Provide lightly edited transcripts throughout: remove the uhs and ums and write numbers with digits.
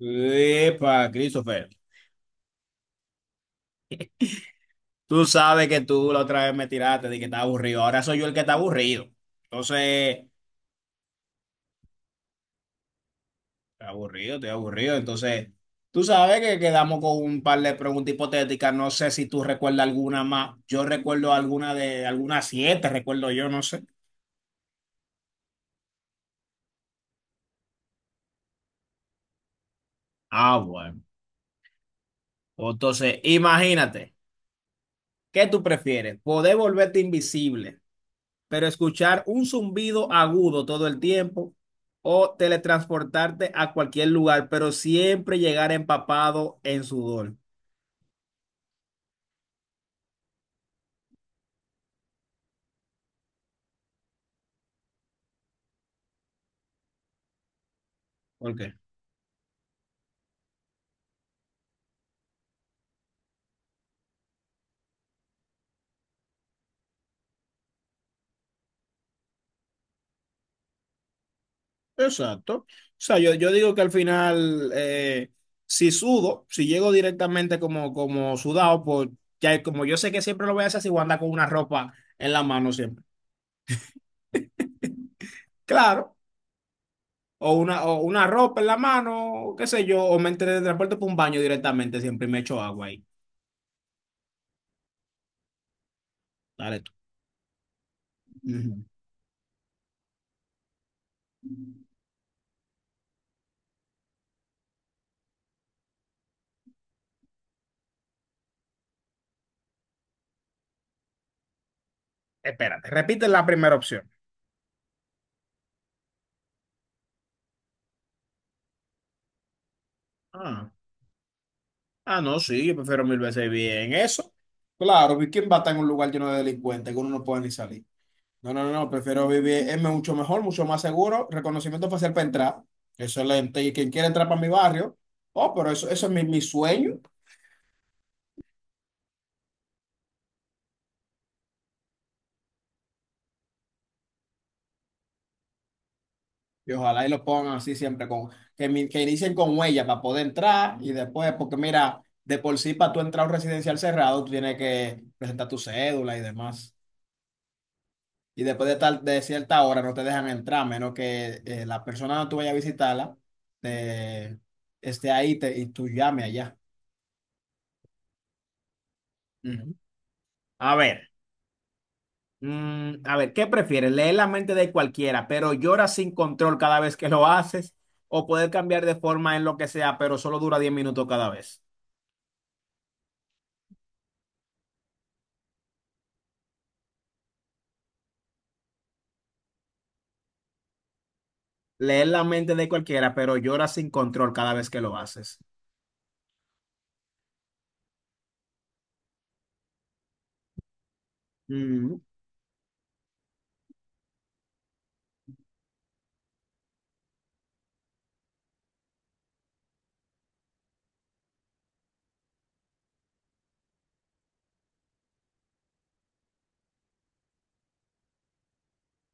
Epa, Christopher, tú sabes que tú la otra vez me tiraste de que está aburrido. Ahora soy yo el que está aburrido. Entonces, estoy aburrido, estoy aburrido. Entonces, tú sabes que quedamos con un par de preguntas hipotéticas. No sé si tú recuerdas alguna más. Yo recuerdo alguna de algunas siete, recuerdo yo, no sé. Ah, bueno. Entonces, imagínate, ¿qué tú prefieres? ¿Poder volverte invisible, pero escuchar un zumbido agudo todo el tiempo, o teletransportarte a cualquier lugar, pero siempre llegar empapado en sudor? ¿Por qué? Exacto. O sea, yo digo que al final, si sudo, si llego directamente como sudado, pues ya como yo sé que siempre lo voy a hacer, si voy a andar con una ropa en la mano siempre. Claro, o una ropa en la mano, qué sé yo, o me teletransporto por un baño directamente siempre y me echo agua ahí. Dale tú. Ujú. Espérate, repite la primera opción. Ah, ah, no, sí, yo prefiero mil veces bien eso. Claro, ¿quién va a estar en un lugar lleno de delincuentes que uno no puede ni salir? No, no, no, no, prefiero vivir, es mucho mejor, mucho más seguro, reconocimiento facial para entrar, excelente, y quien quiera entrar para mi barrio, oh, pero eso es mi sueño, y ojalá y lo pongan así siempre, que inicien con huella para poder entrar, y después, porque mira, de por sí para tú entrar a un residencial cerrado, tú tienes que presentar tu cédula y demás. Y después de cierta hora no te dejan entrar, a menos que la persona donde tú vayas a visitarla eh, y tú llame allá. Ujú. A ver, a ver, ¿qué prefieres? ¿Leer la mente de cualquiera, pero lloras sin control cada vez que lo haces, o poder cambiar de forma en lo que sea, pero solo dura 10 minutos cada vez? Leer la mente de cualquiera, pero lloras sin control cada vez que lo haces.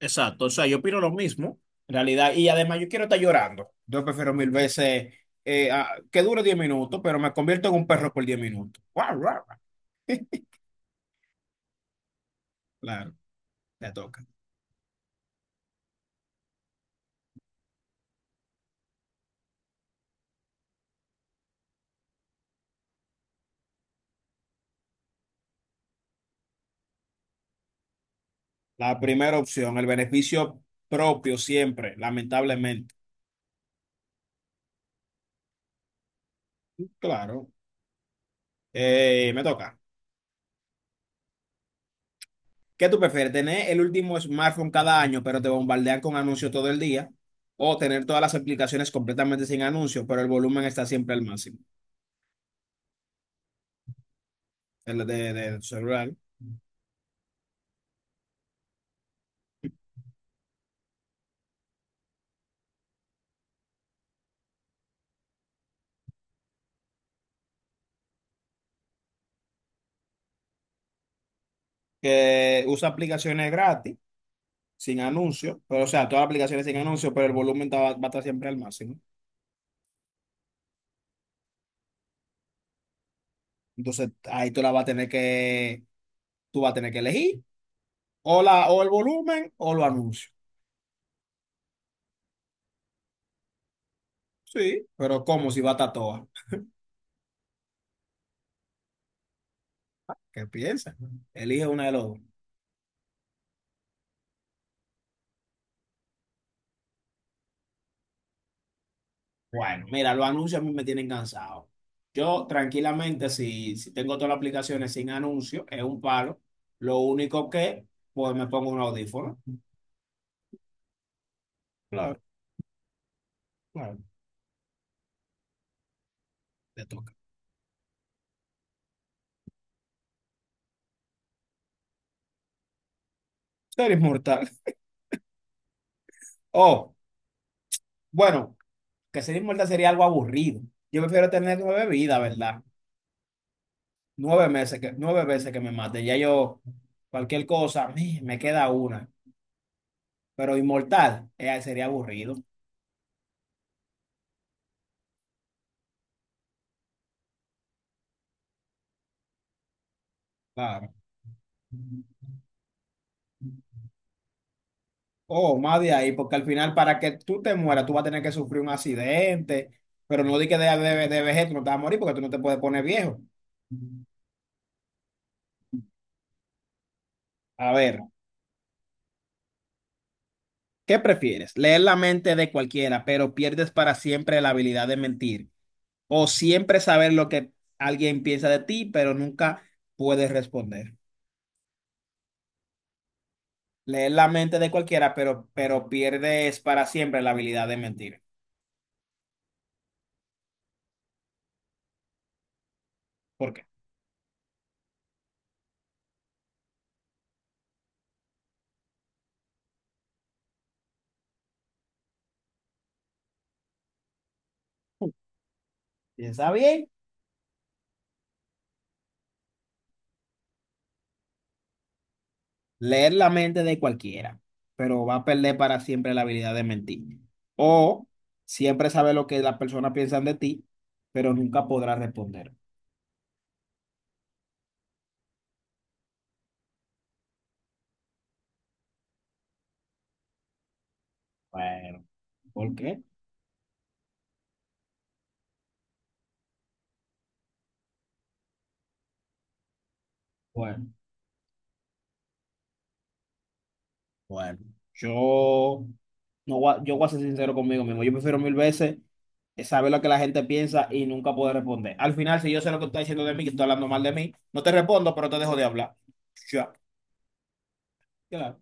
Exacto, o sea, yo opino lo mismo, en realidad, y además yo quiero estar llorando. Yo prefiero mil veces que dure 10 minutos, pero me convierto en un perro por 10 minutos. Guau, guau, guau. Claro, te toca. La primera opción, el beneficio propio siempre, lamentablemente. Claro, eh, me toca. ¿Qué tú prefieres? ¿Tener el último smartphone cada año, pero te bombardean con anuncios todo el día, o tener todas las aplicaciones completamente sin anuncios, pero el volumen está siempre al máximo? El de tu celular. Que usa aplicaciones gratis, sin anuncios, pero o sea, todas las aplicaciones sin anuncios, pero el volumen a estar siempre al máximo. Entonces, ahí tú la vas a tener que, tú vas a tener que elegir o el volumen o los anuncios. Sí, pero ¿cómo si va a estar toda? ¿Qué piensas? Elige una de los dos. Bueno, mira, los anuncios a mí me tienen cansado. Yo tranquilamente, si tengo todas las aplicaciones sin anuncios, es un palo. Lo único que, pues me pongo un audífono. Claro, claro, te toca. Tú eres mortal. Oh. Bueno, que ser inmortal sería algo aburrido. Yo prefiero tener 9 vidas, ¿verdad? 9 meses que, 9 veces que me mate. Ya yo, cualquier cosa, me queda una. Pero inmortal, sería aburrido. Claro. O más de ahí, porque al final, para que tú te mueras, tú vas a tener que sufrir un accidente. Pero no di que de vejez tú no te vas a morir porque tú no te puedes poner viejo. A ver, ¿qué prefieres? Leer la mente de cualquiera, pero pierdes para siempre la habilidad de mentir, o siempre saber lo que alguien piensa de ti, pero nunca puedes responder. Leer la mente de cualquiera, pero pierdes para siempre la habilidad de mentir. ¿Por qué? Piensa bien, leer la mente de cualquiera, pero va a perder para siempre la habilidad de mentir. O siempre saber lo que las personas piensan de ti, pero nunca podrás responder. Bueno, ¿por qué? Bueno. Bueno, yo no voy a- yo voy a ser sincero conmigo mismo. Yo prefiero mil veces saber lo que la gente piensa y nunca poder responder. Al final, si yo sé lo que tú estás diciendo de mí, que tú estás hablando mal de mí, no te respondo, pero te dejo de hablar. Ya, claro.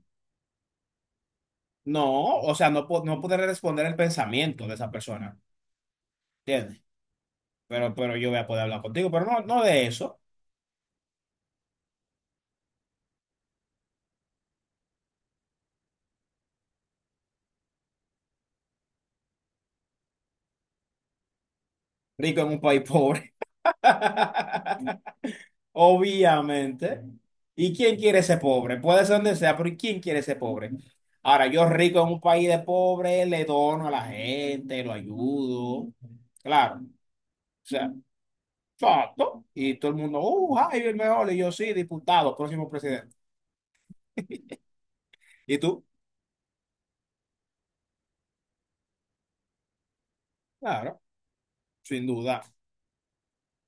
No, o sea, no poder responder el pensamiento de esa persona, ¿entiendes? Pero yo voy a poder hablar contigo, pero no de eso. Rico en un país pobre. Obviamente. ¿Y quién quiere ser pobre? Puede ser donde sea, pero ¿quién quiere ser pobre? Ahora, yo rico en un país de pobre, le dono a la gente, lo ayudo. Claro. O sea, exacto. Y todo el mundo, Jaime el mejor. Y yo, sí, diputado, próximo presidente. ¿Y tú? Claro, sin duda.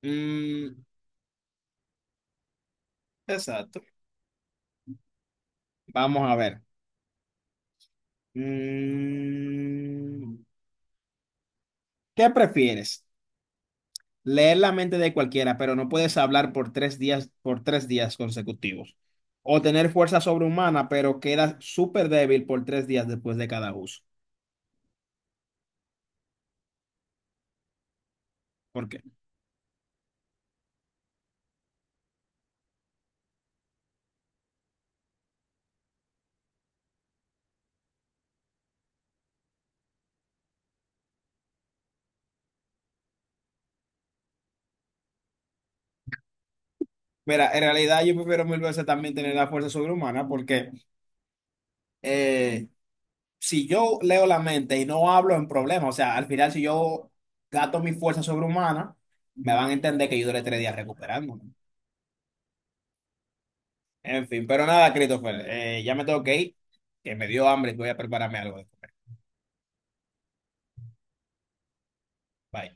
Mm, exacto. Vamos a ver. Mm, ¿qué prefieres? Leer la mente de cualquiera, pero no puedes hablar por 3 días, por tres días consecutivos. O tener fuerza sobrehumana, pero quedas súper débil por 3 días después de cada uso. ¿Por qué? Mira, en realidad yo prefiero mil veces también tener la fuerza sobrehumana porque eh, si yo leo la mente y no hablo en problemas, o sea, al final si yo gasto mi fuerza sobrehumana, me van a entender que yo duré 3 días recuperándome. En fin, pero nada, Christopher, ya me tengo que ir, que me dio hambre y voy a prepararme algo de comer. Bye.